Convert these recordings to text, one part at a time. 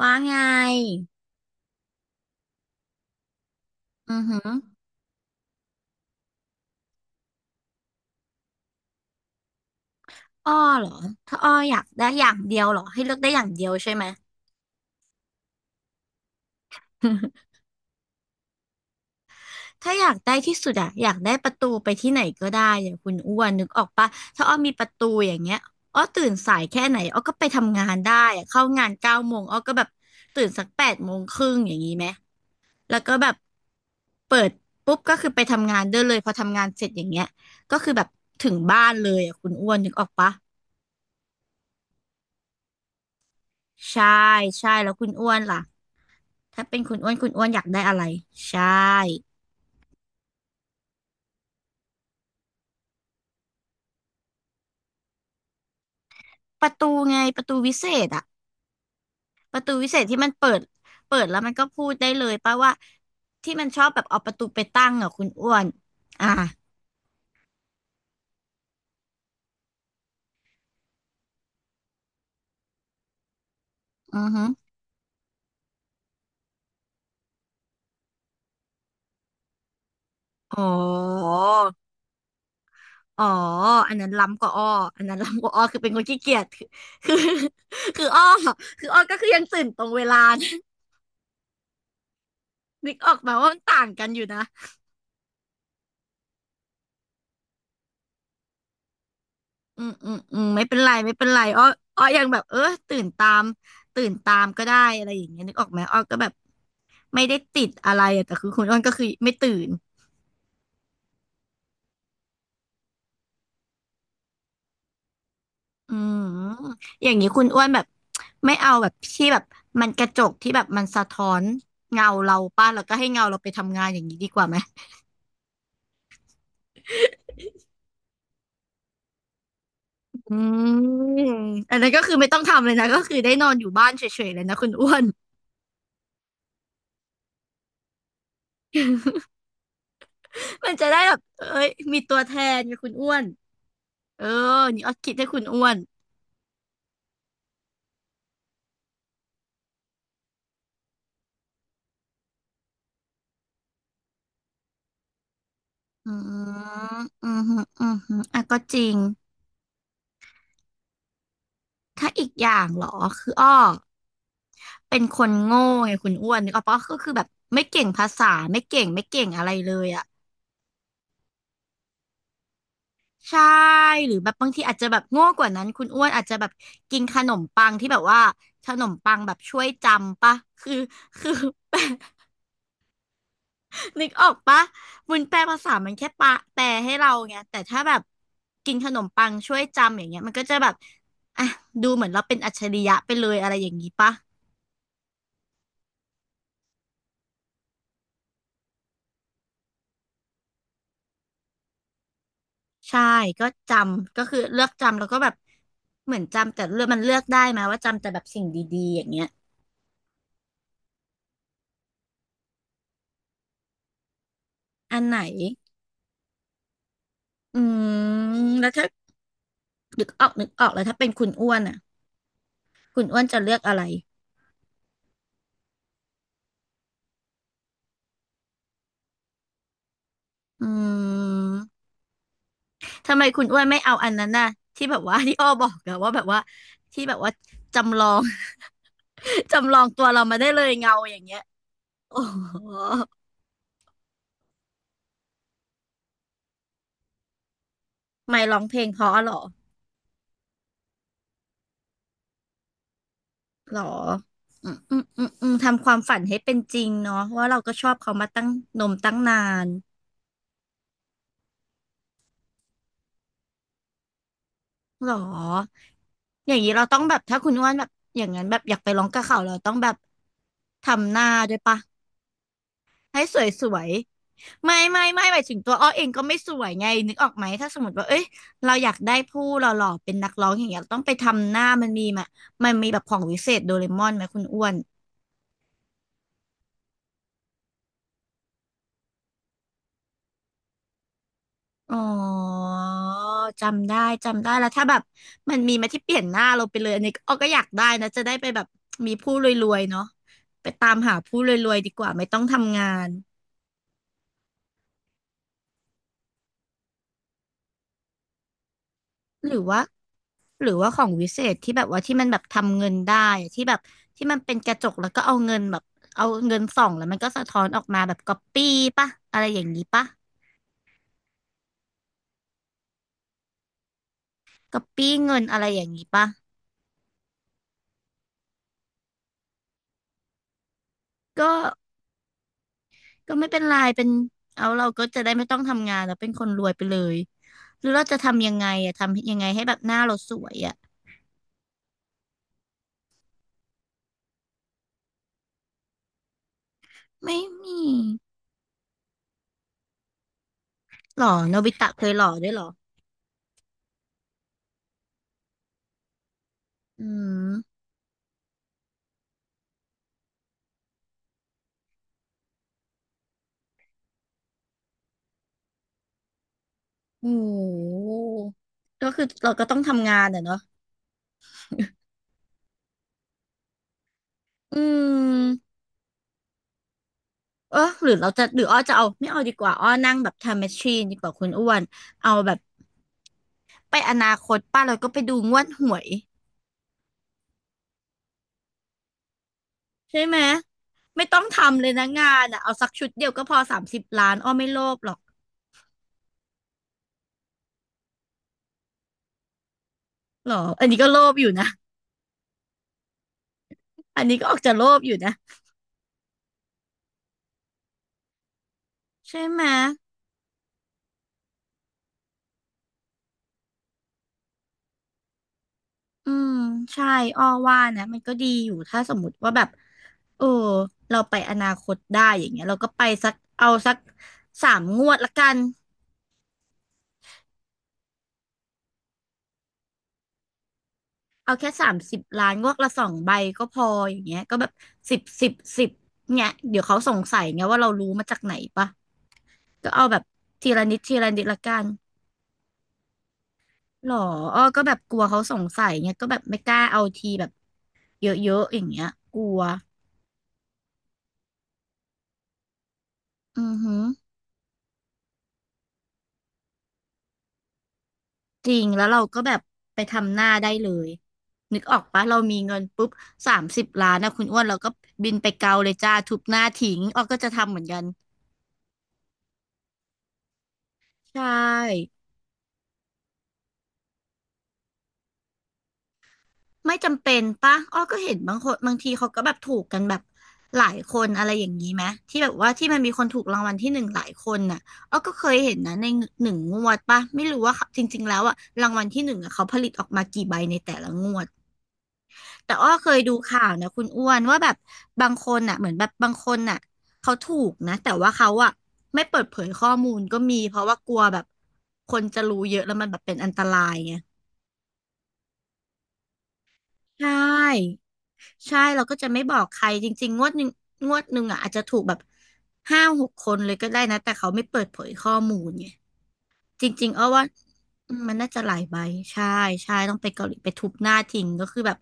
ว่าไงอือหืออ้อเหรอถ้าอ้ออยากได้อย่างเดียวเหรอให้เลือกได้อย่างเดียวใช่ไหม ถ้าอยากได้ที่สุดอะอยากได้ประตูไปที่ไหนก็ได้อย่างคุณอ้วนนึกออกปะถ้าอ้อมีประตูอย่างเงี้ยอ้อตื่นสายแค่ไหนอ้อก็ไปทำงานได้อะเข้างานเก้าโมงอ้อก็แบบตื่นสักแปดโมงครึ่งอย่างนี้ไหมแล้วก็แบบเปิดปุ๊บก็คือไปทำงานได้เลยพอทำงานเสร็จอย่างเงี้ยก็คือแบบถึงบ้านเลยอะคุณอ้วนนึกออกปะใช่ใช่แล้วคุณอ้วนล่ะ ถ้าเป็นคุณอ้วนคุณอ้วนอยากได้อะไรใช่ประตูไงประตูวิเศษอะประตูวิเศษที่มันเปิดเปิดแล้วมันก็พูดได้เลยป่ะว่าที่มันชอบแบบเอาประตูไปตั้งอะคุณอ้วนอ่าอือฮึอ๋ออ๋ออันนั้นล้ำกว่าอ้ออันนั้นล้ำกว่าอ้อคือเป็นคนขี้เกียจคือคืออ้อคืออ้อก็คือยังตื่นตรงเวลานะนึกออกมาว่ามันต่างกันอยู่นะ อืมอืมอืมไม่เป็นไรไม่เป็นไรอ้ออ้อยังแบบเออตื่นตามตื่นตามก็ได้อะไรอย่างเงี้ยนึกออกไหมอ้อก็แบบไม่ได้ติดอะไรอะแต่คือคุณอ้วนก็คือไม่ตื่นอืมอย่างนี้คุณอ้วนแบบไม่เอาแบบที่แบบมันกระจกที่แบบมันสะท้อนเงาเราป้าแล้วก็ให้เงาเราไปทำงานอย่างนี้ดีกว่าไหมอืมอันนั้นก็คือไม่ต้องทำเลยนะก็คือได้นอนอยู่บ้านเฉยๆเลยนะคุณอ้วนมันจะได้แบบเอ้ยมีตัวแทนไงคุณอ้วนเออนี่อ้อคิดให้คุณอ้วน อืมอืมฮึอืมฮึอ่ะก็จริงถ้าอีกอย่างเหรอคืออ้อเป็นคนโง่ไงคุณอ้วนนึกออกปะก็คือแบบไม่เก่งภาษาไม่เก่งอะไรเลยอ่ะใช่หรือแบบบางทีอาจจะแบบโง่กว่านั้นคุณอ้วนอาจจะแบบกินขนมปังที่แบบว่าขนมปังแบบช่วยจำปะคือคือ นึกออกปะวุ้นแปลภาษามันแค่ปะแปลให้เราไงแต่ถ้าแบบกินขนมปังช่วยจำอย่างเงี้ยมันก็จะแบบอ่ะดูเหมือนเราเป็นอัจฉริยะไปเลยอะไรอย่างนี้ปะใช่ก็จำก็คือเลือกจำแล้วก็แบบเหมือนจำแต่เลือกมันเลือกได้ไหมว่าจำแต่แบบสิ่งดีๆอย่างเงี้ยอันไหนอืมแล้วถ้านึกออกแล้วถ้าเป็นคุณอ้วนอ่ะ คุณอ้วนจะเลือกอะไรอืม ทำไมคุณอ้วนไม่เอาอันนั้นน่ะที่แบบว่า ที่อ้อบอกอะว่าแบบว่าที่แบบว่าจำลอง จำลองตัวเรามาได้เลยเงาอย่างเงี้ยโอ้โหไม่ร้องเพลงเพราะเหรอหรออืมอืมอืมอืมทำความฝันให้เป็นจริงเนาะว่าเราก็ชอบเขามาตั้งนมตั้งนานหรออย่างนี้เราต้องแบบถ้าคุณอ้วนแบบอย่างนั้นแบบอยากไปร้องกับเขาเราต้องแบบทำหน้าด้วยปะ ให้สวยสวยไม่หมายถึงตัวอ้อเองก็ไม่สวยไงนึกออกไหมถ้าสมมติว่าเอ้ยเราอยากได้ผู้หล่อๆเป็นนักร้องอย่างเงี้ยเราต้องไปทำหน้ามันมีมามันมีแบบของวิเศษโดเรมอนไหมคุณอ้วนอ๋อจำได้จำได้แล้วถ้าแบบมันมีมาที่เปลี่ยนหน้าเราไปเลยอันนี้อ้อก็อยากได้นะจะได้ไปแบบมีผู้รวยๆเนาะไปตามหาผู้รวยๆดีกว่าไม่ต้องทำงาน หรือว่าหรือว่าของวิเศษที่แบบว่าที่มันแบบทำเงินได้อะที่แบบที่มันเป็นกระจกแล้วก็เอาเงินแบบเอาเงินส่องแล้วมันก็สะท้อนออกมาแบบก๊อปปี้ปะอะไรอย่างนี้ปะก๊อปปี้เงินอะไรอย่างนี้ปะก็ก็ไม่เป็นไรเป็นเอาเราก็จะได้ไม่ต้องทำงานแล้วเป็นคนรวยไปเลยหรือเราจะทำยังไงอะทำยังไงให้แบบหน้าเราสวยอะไม่มีหรอโนบิตะเคยหล่อด้วยหรออืมโอ้โหก็คือเราก็ต้องทำงานอะเนาะอืม เออหรือเราจะหรืออ้อจะเอาไม่เอาดีกว่าอ้อนั่งแบบไทม์แมชชีนดีกว่าคุณอ้วนเอาแบบไปอนาคตป้าเราก็ไปดูงวดหวยใช่ไหมไม่ต้องทำเลยนะงานอ่ะเอาสักชุดเดียวก็พอ30 ล้านอ้อไม่โลภหรอกหรออันนี้ก็โลภอยู่นะอันนี้ก็ออกจะโลภอยู่นะใช่ไหมอืมใช่อ้อว่านะมันก็ดีอยู่ถ้าสมมติว่าแบบเออเราไปอนาคตได้อย่างเงี้ยเราก็ไปสักเอาสักสามงวดละกัน เอาแค่30 ล้านงวดละ2 ใบก็พออย่างเงี้ยก็แบบสิบสิบสิบเนี่ยเดี๋ยวเขาสงสัยไงว่าเรารู้มาจากไหนปะก็เอาแบบทีละนิดทีละนิดละกันหรออ้อก็แบบกลัวเขาสงสัยเงี้ยก็แบบไม่กล้าเอาทีแบบเยอะๆอย่างเงี้ยกลัวอือหือจริงแล้วเราก็แบบไปทำหน้าได้เลยนึกออกปะเรามีเงินปุ๊บสามสิบล้านนะคุณอ้วนเราก็บินไปเกาเลยจ้าทุบหน้าทิ้งอ้อก็จะทำเหมือนกันใช่ ไม่จำเป็นปะอ้อก็เห็นบางคนบางทีเขาก็แบบถูกกันแบบหลายคนอะไรอย่างนี้ไหมที่แบบว่าที่มันมีคนถูกรางวัลที่หนึ่งหลายคนน่ะอ้อก็เคยเห็นนะในหนึ่งงวดปะไม่รู้ว่าจริงๆแล้วอะรางวัลที่หนึ่งอะเขาผลิตออกมากี่ใบในแต่ละงวดแต่อ้อเคยดูข่าวนะคุณอ้วนว่าแบบบางคนน่ะเหมือนแบบบางคนน่ะเขาถูกนะแต่ว่าเขาอะไม่เปิดเผยข้อมูลก็มีเพราะว่ากลัวแบบคนจะรู้เยอะแล้วมันแบบเป็นอันตรายไงใช่ ใช่เราก็จะไม่บอกใครจริงๆงวดหนึ่งงวดหนึ่งอ่ะอาจจะถูกแบบ5 6 คนเลยก็ได้นะแต่เขาไม่เปิดเผยข้อมูลไงจริงๆเอาว่าอืมมันน่าจะหลายใบใช่ใช่ต้องไปเกาหลีไปทุบหน้าทิ้งก็คือแบบ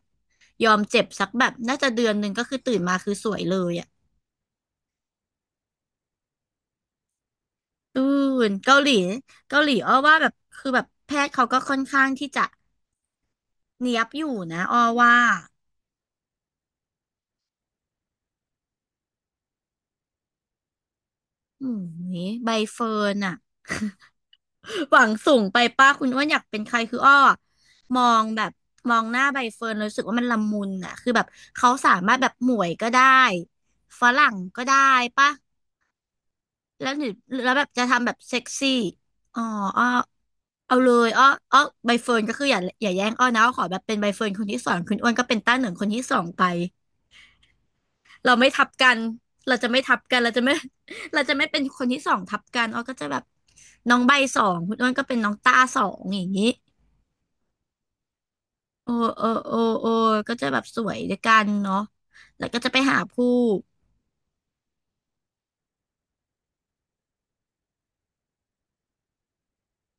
ยอมเจ็บสักแบบน่าจะเดือนหนึ่งก็คือตื่นมาคือสวยเลยอ่ะอืมเกาหลีเกาหลีอ้อว่าแบบคือแบบแพทย์เขาก็ค่อนข้างที่จะเนียบอยู่นะอ้อว่าอืมใบเฟิร์นอ่ะ หวังสูงไปป้าคุณอ้วนอยากเป็นใครคืออ้อมองแบบมองหน้าใบเฟิร์นวรู้สึกว่ามันละมุนอะคือแบบเขาสามารถแบบหมวยก็ได้ฝรั่งก็ได้ปะแล้วหรือแล้วแบบจะทำแบบเซ็กซี่อ๋ออ้อเอาเลยอ้ออ้อใบเฟิร์นก็คืออย่าอย่าแย่งอ้อนะอ้อขอแบบเป็นใบเฟิร์นคนที่สองคุณอ้วนก็เป็นต้าเหนิงคนที่สองไปเราไม่ทับกันเราจะไม่ทับกันเราจะไม่ เราจะไม่เป็นคนที่สองทับกันอ้อก็จะแบบน้องใบสองคุณอ้วนก็เป็นน้องต้าสองอย่างนี้ โอ้โอ้โอ้โอ้ก็จะแบบสวยด้วยกันเนาะแล้วก็จะไปหาผู้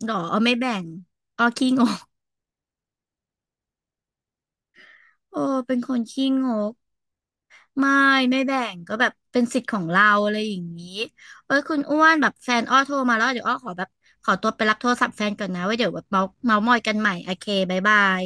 หรอเอาไม่แบ่งอ๋อคขี้งกโอ้เป็นคนขี้งกไม่ ไม่แบ่ง ก็แบบเป็นสิทธิ์ของเราอะไรอย่างนี้เอ้ยคุณอ้วนแบบแฟนอ้อโทรมาแล้วเดี๋ยวอ้อขอแบบขอตัวไปรับโทรศัพท์แฟนก่อนนะไว้เดี๋ยวแบบเมาเมามอยกันใหม่โอเคบ๊ายบาย